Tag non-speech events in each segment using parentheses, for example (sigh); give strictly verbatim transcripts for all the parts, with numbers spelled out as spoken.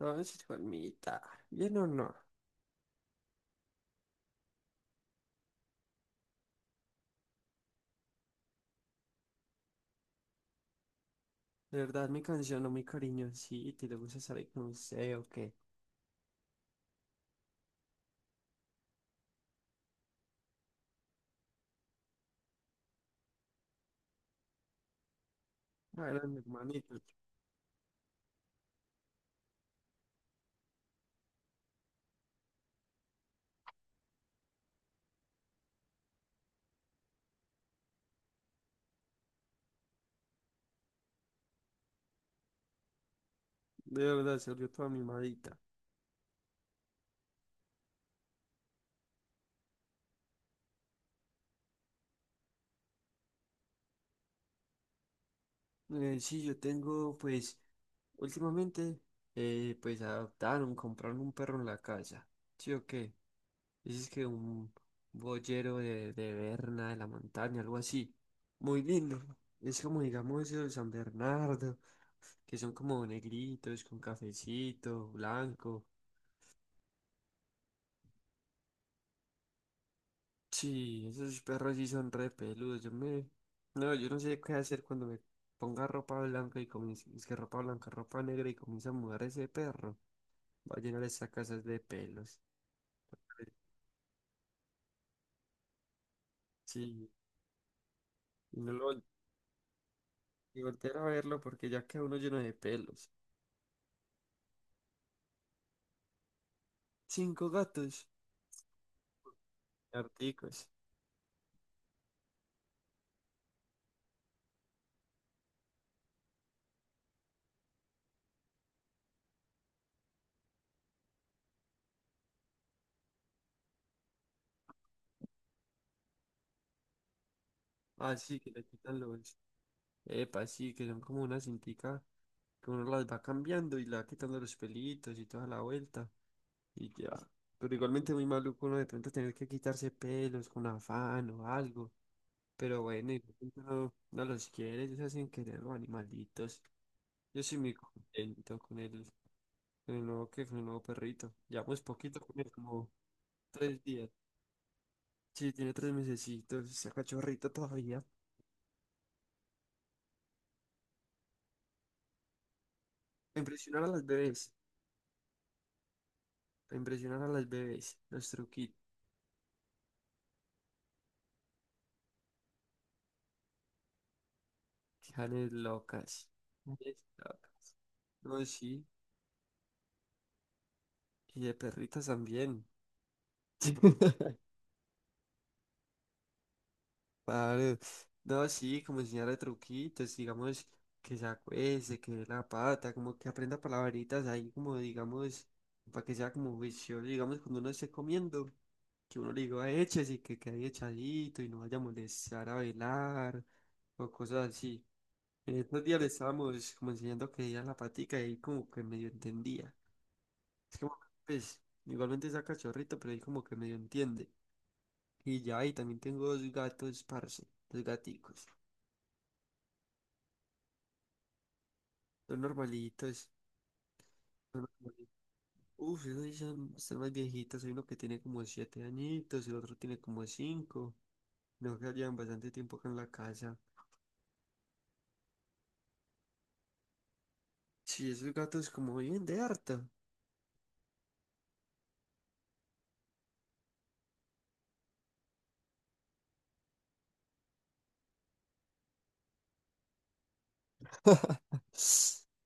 No, es Juanmita. ¿Bien o no? De verdad, mi canción o mi cariñoncito, te le gusta salir con usted o qué. Bueno, mi hermanito, de verdad, se volvió toda mimadita. Eh, sí, yo tengo, pues, últimamente, eh, pues, adoptaron, compraron un perro en la casa. ¿Sí o qué? Dices que un boyero de, de Berna, de la montaña, algo así. Muy lindo. Es como, digamos, el San Bernardo, que son como negritos, con cafecito, blanco. Sí, esos perros sí son re peludos. Yo me... No, yo no sé qué hacer cuando me ponga ropa blanca y comience... Es que ropa blanca, ropa negra y comienza a mudar ese perro. Va a llenar esa casa de pelos. Sí, y no lo vol- y voltear a verlo porque ya queda uno lleno de pelos. Cinco gatos, articos. Ah, sí, que le quitan los... Epa, sí, que son como una cintica que uno las va cambiando y le va quitando los pelitos y toda la vuelta. Y ya. Pero igualmente muy maluco uno de pronto tener que quitarse pelos con afán o algo. Pero bueno, igualmente uno no los quiere, ellos hacen querer los animalitos. Yo soy muy contento con el, con el nuevo que, con el nuevo perrito. Llevamos poquito con él, como tres días. Sí, tiene tres mesecitos, está cachorrito todavía. A impresionar a las bebés, a impresionar a las bebés, los truquitos, janes locas. Janes locas. No, sí, y de perritas también. (laughs) Claro, no, sí, como enseñarle truquitos, digamos, que se acueste, que dé la pata, como que aprenda palabritas ahí, como digamos, para que sea como juicioso, digamos, cuando uno esté comiendo, que uno le diga eches y que quede echadito y no vaya a molestar a velar o cosas así. En estos días le estábamos como enseñando que diera la patica y ahí como que medio entendía. Es como, que, pues, igualmente saca cachorrito, pero ahí como que medio entiende. Y ya, y también tengo dos gatos, parce, dos gaticos. Son normalitos. Uf, esos sí son, están más viejitos. Hay uno que tiene como siete añitos, el otro tiene como cinco. No, que llevan bastante tiempo acá en la casa. Sí, esos gatos como viven de harta. (sniffs)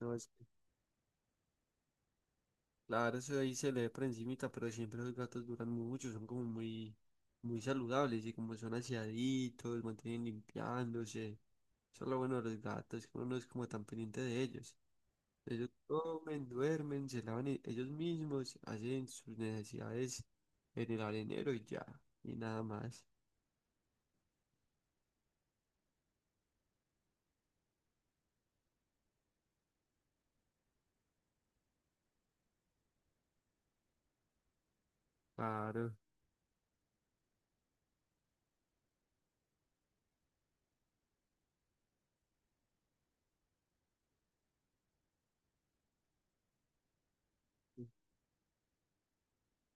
No, es que, claro, eso ahí se le ve por encimita, pero siempre los gatos duran mucho, son como muy, muy saludables y como son aseaditos, mantienen limpiándose. Eso es lo bueno de los gatos, que uno no es como tan pendiente de ellos. Ellos comen, duermen, se lavan e- ellos mismos, hacen sus necesidades en el arenero y ya, y nada más. Claro,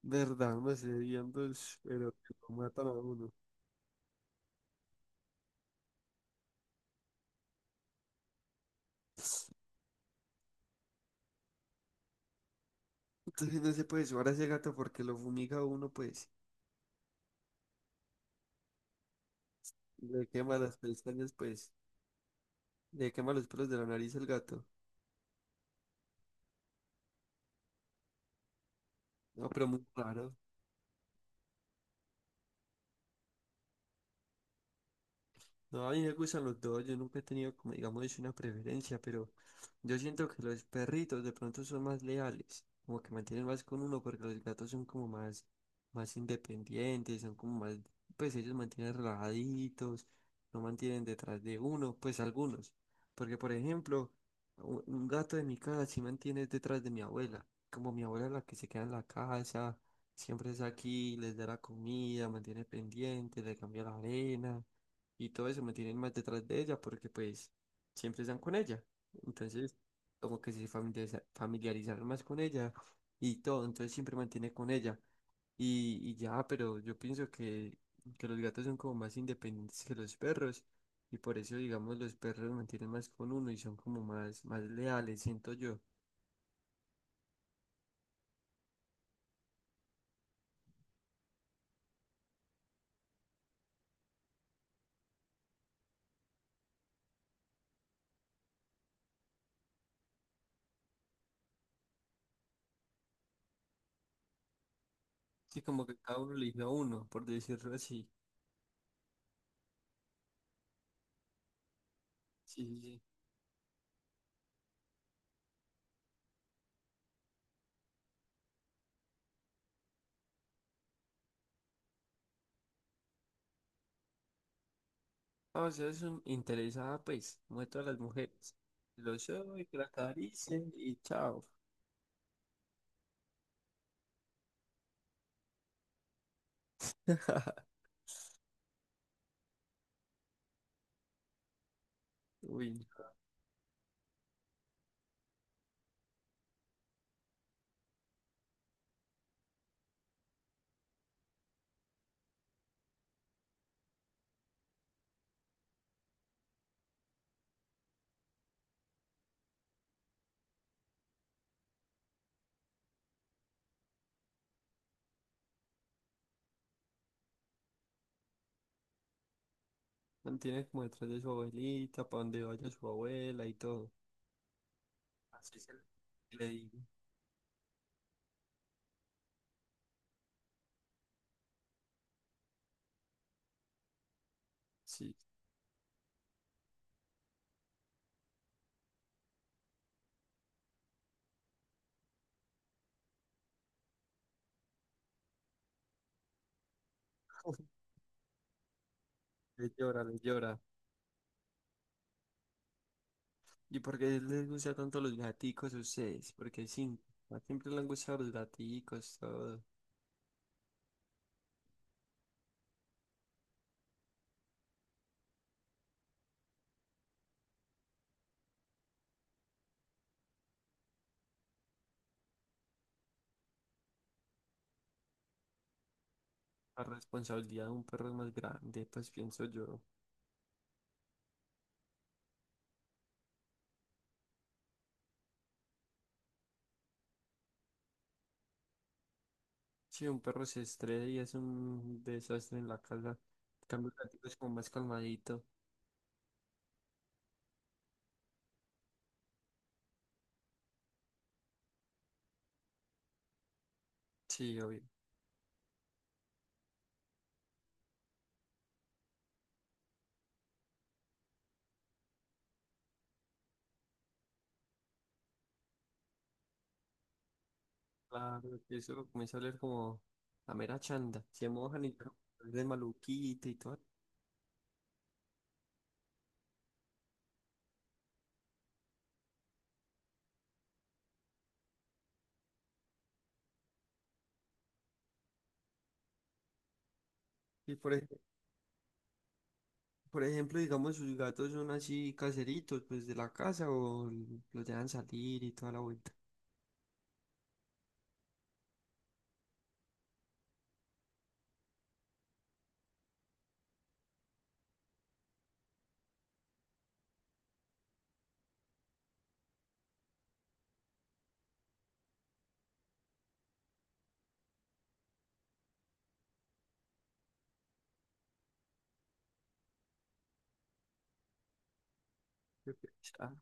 verdad, unos hediondos, pero que lo matan a uno. Entonces no se puede llevar a ese gato porque lo fumiga a uno, pues, le quema las pestañas, pues, le quema los pelos de la nariz al gato. No, pero muy raro. No, a mí me gustan los dos, yo nunca he tenido como digamos es una preferencia, pero yo siento que los perritos de pronto son más leales, como que mantienen más con uno porque los gatos son como más, más independientes, son como más, pues ellos mantienen relajaditos, no mantienen detrás de uno, pues algunos, porque por ejemplo, u- un gato de mi casa sí mantiene detrás de mi abuela, como mi abuela es la que se queda en la casa, siempre es aquí, les da la comida, mantiene pendiente, le cambia la arena y todo eso me tienen más detrás de ella porque pues siempre están con ella. Entonces, como que se familiariza- familiarizaron más con ella y todo, entonces siempre mantiene con ella. Y, y ya, pero yo pienso que, que los gatos son como más independientes que los perros y por eso, digamos, los perros mantienen más con uno y son como más, más leales, siento yo. Sí, como que cada uno elige a uno, por decirlo así. Sí, sí, sí. Ah, o sea, es un- interesada, pues, muestra a las mujeres. Lo soy, que la acaricien y chao. Uy, mantiene como detrás de su abuelita, para donde vaya su abuela y todo. Así se le le digo. Sí, (laughs) le llora, le llora. ¿Y por qué les gusta tanto los gaticos a ustedes? Porque sí, a siempre les han gustado los gaticos, todo. La responsabilidad de un perro es más grande, pues pienso yo. Sí, un perro se estresa y es un desastre en la casa. En cambio, el gatito es como más calmadito. Sí, obvio. Claro, que eso comienza a oler como a mera chanda. Se mojan y de maluquita y todo. Y por, ej- por ejemplo, digamos, sus gatos son así caseritos, pues de la casa o los dejan salir y toda la vuelta. Yo pe- ah,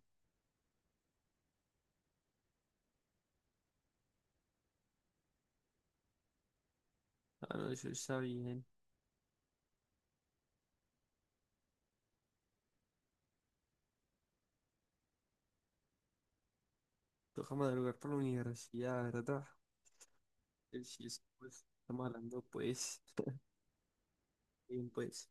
ah, no, eso está bien. Toca madrugar para la universidad, ¿verdad? El sí, es, pues, estamos hablando, pues, (laughs) bien, pues.